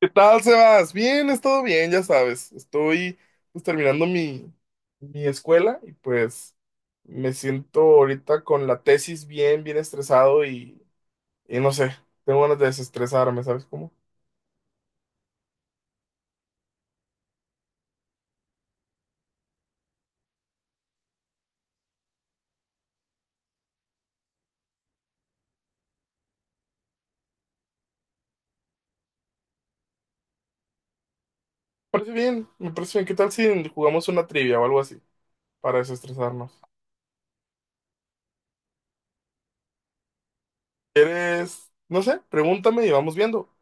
¿Qué tal, Sebas? Bien, es todo bien, ya sabes. Estoy pues, terminando mi escuela y pues me siento ahorita con la tesis bien, bien estresado y no sé, tengo ganas de desestresarme, ¿sabes cómo? Me parece bien, me parece bien. ¿Qué tal si jugamos una trivia o algo así para desestresarnos? ¿Quieres? No sé, pregúntame y vamos viendo.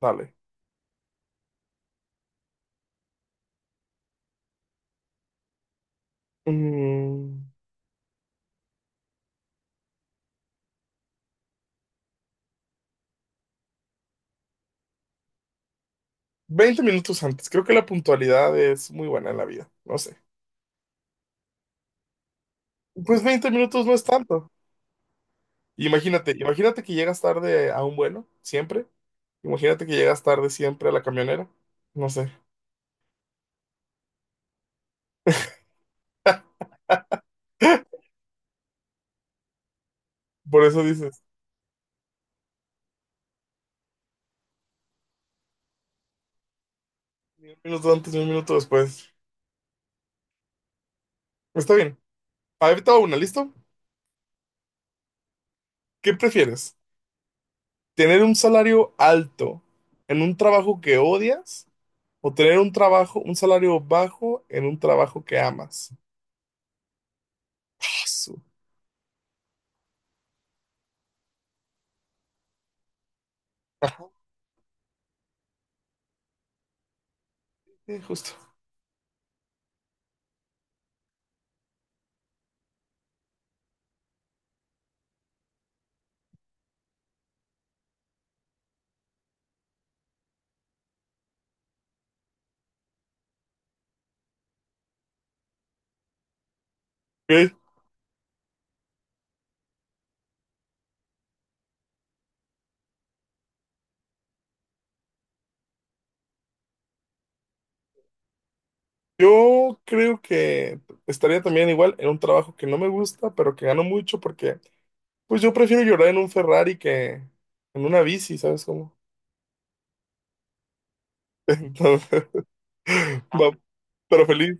Dale. Mm, 20 minutos antes. Creo que la puntualidad es muy buena en la vida. No sé. Pues 20 minutos no es tanto. Imagínate, imagínate que llegas tarde a un vuelo, siempre. Imagínate que llegas tarde siempre a la camionera. No sé. Por eso dices, ni un minuto antes, ni un minuto después. Está bien. Ahí te va una, ¿listo? ¿Qué prefieres? ¿Tener un salario alto en un trabajo que odias o tener un trabajo, un salario bajo en un trabajo que amas? Su- Justo. Ok. Yo creo que estaría también igual en un trabajo que no me gusta, pero que gano mucho porque pues yo prefiero llorar en un Ferrari que en una bici, ¿sabes cómo? Entonces, va- pero feliz.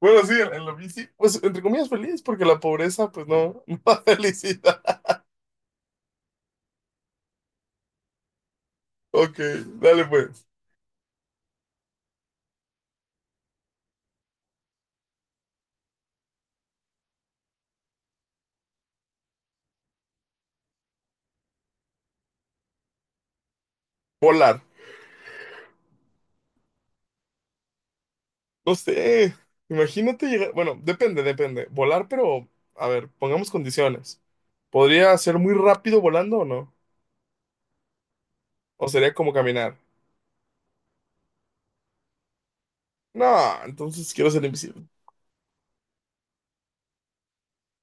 Bueno, sí, en la bici, pues entre comillas feliz, porque la pobreza, pues no, no da felicidad. Ok, dale pues. Volar. No sé, imagínate llegar, bueno, depende, depende. Volar, pero, a ver, pongamos condiciones. ¿Podría ser muy rápido volando o no? ¿O sería como caminar? No, entonces quiero ser invisible.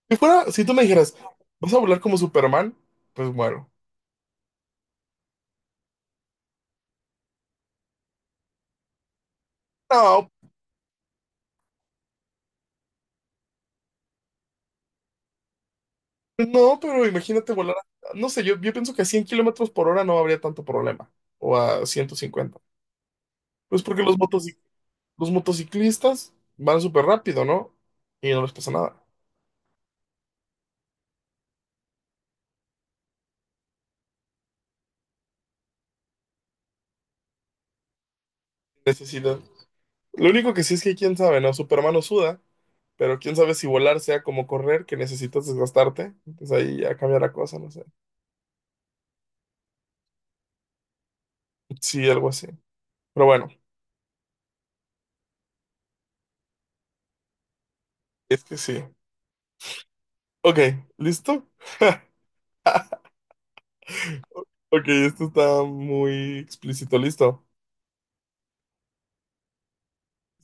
Si fuera, si tú me dijeras, ¿vas a volar como Superman? Pues muero. No, no, pero imagínate volar, no sé, yo pienso que a 100 kilómetros por hora no habría tanto problema, o a 150. Pues porque los motociclistas van súper rápido, ¿no? Y no les pasa nada. Necesidad. Lo único que sí es que quién sabe, ¿no? Superman no suda, pero quién sabe si volar sea como correr, que necesitas desgastarte. Entonces ahí ya cambia la cosa, no sé. Sí, algo así. Pero bueno, es que sí. Ok, ¿listo? Ok, esto está muy explícito, ¿listo?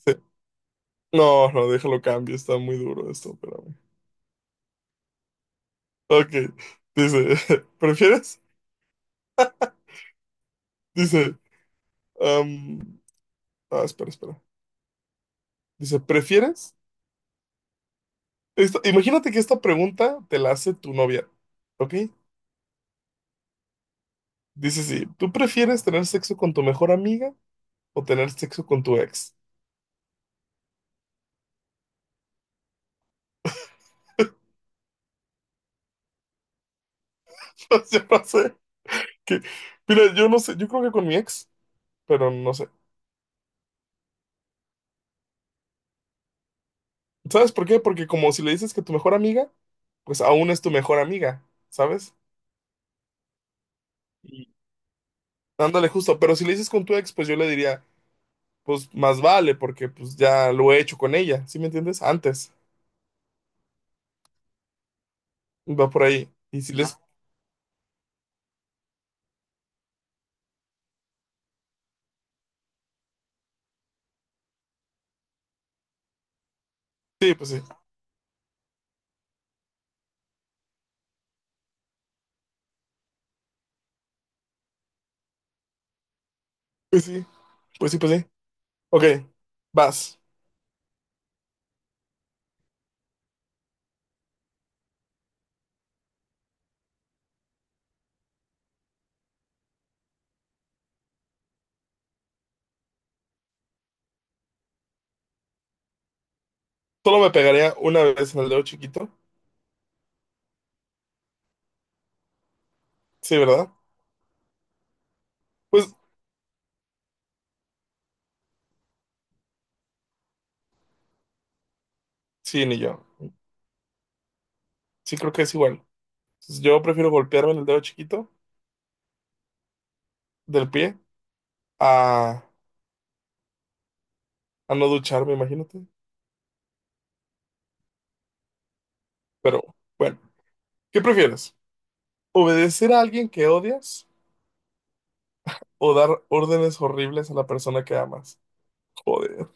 Sí. No, no, déjalo cambio, está muy duro esto, espérame. Ok, dice, ¿prefieres? Dice, am, espera, espera. Dice, ¿prefieres? Imagínate que esta pregunta te la hace tu novia, ¿ok? Dice, sí, ¿tú prefieres tener sexo con tu mejor amiga o tener sexo con tu ex? Yo no sé, que, mira, yo no sé, yo creo que con mi ex, pero no sé. ¿Sabes por qué? Porque como si le dices que tu mejor amiga, pues aún es tu mejor amiga, ¿sabes? Ándale, justo, pero si le dices con tu ex, pues yo le diría, pues más vale, porque pues ya lo he hecho con ella, ¿sí me entiendes? Antes, va por ahí. Y si les... Sí, pues sí, pues sí, pues sí, pues sí. Ok, vas. Solo me pegaría una vez en el dedo chiquito. Sí, ¿verdad? Pues sí, ni yo. Sí, creo que es igual. Entonces, yo prefiero golpearme en el dedo chiquito del pie a, a no ducharme, imagínate. Pero bueno, ¿qué prefieres? ¿Obedecer a alguien que odias o dar órdenes horribles a la persona que amas? Joder.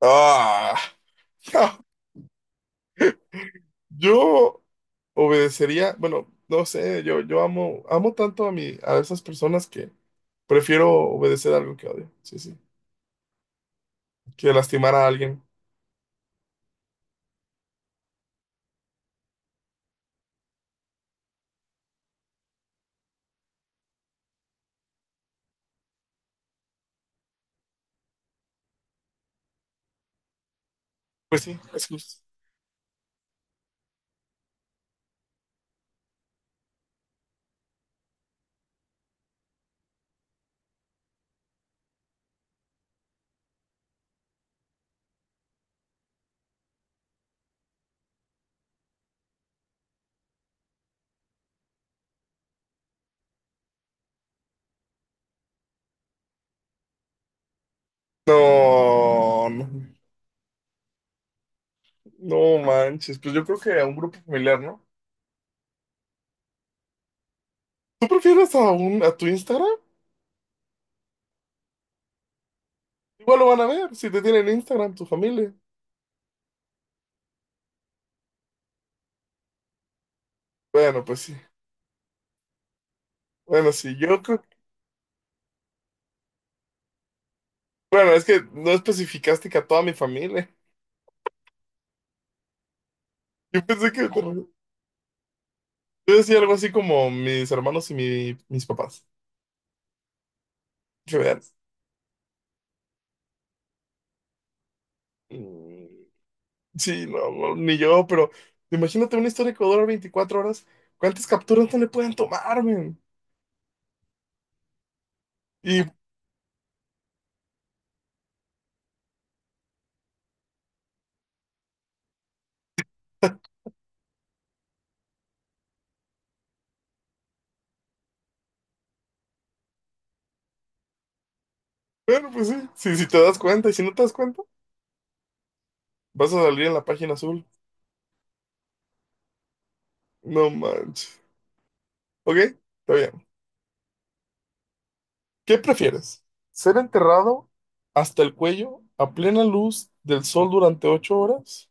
Ah, yo obedecería, bueno, no sé, yo amo, amo tanto a esas personas que prefiero obedecer algo que odio, sí, sí, que lastimar a alguien. Pues sí, es justo. No, no, no manches, pues yo creo que a un grupo familiar, ¿no? ¿Tú prefieres a un, a tu Instagram? Igual lo van a ver, si te tienen Instagram, tu familia. Bueno, pues sí. Bueno, sí, yo creo, bueno, es que no especificaste que a toda mi familia. Yo pensé que... Yo decía algo así como mis hermanos y mis papás. Que veas. Mm, sí, no, no, ni yo, pero imagínate una historia que dura 24 horas. ¿Cuántas capturas no le pueden tomar, men? Y bueno, pues sí, sí si te das cuenta, y si no te das cuenta, vas a salir en la página azul. No manches. Ok, está bien. ¿Qué prefieres? ¿Ser enterrado hasta el cuello a plena luz del sol durante 8 horas?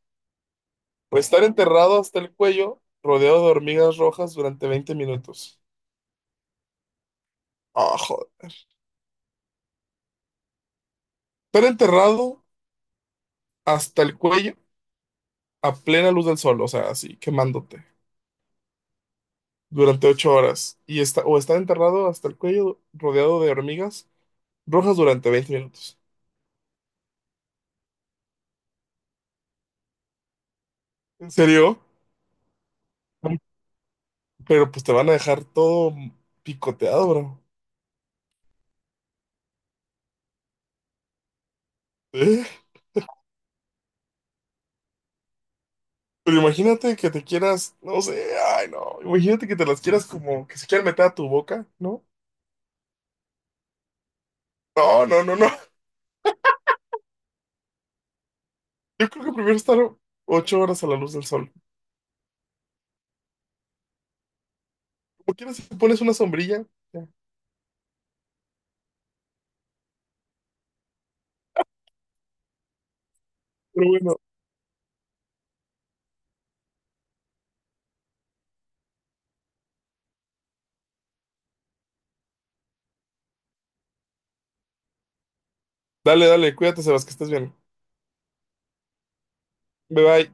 ¿O estar enterrado hasta el cuello rodeado de hormigas rojas durante 20 minutos? Ah, joder. Estar enterrado hasta el cuello a plena luz del sol, o sea, así, quemándote durante 8 horas. Y está, o estar enterrado hasta el cuello rodeado de hormigas rojas durante 20 minutos. ¿En serio? Pero pues te van a dejar todo picoteado, bro. ¿Eh? Pero imagínate que te quieras, no sé, ay no, imagínate que te las quieras como que se quieran meter a tu boca, ¿no? No, no, no, no. Yo creo que prefiero estar 8 horas a la luz del sol. Como quieras, si te pones una sombrilla, ya. Pero bueno. Dale, dale, cuídate, Sebas, que estés bien. Bye bye.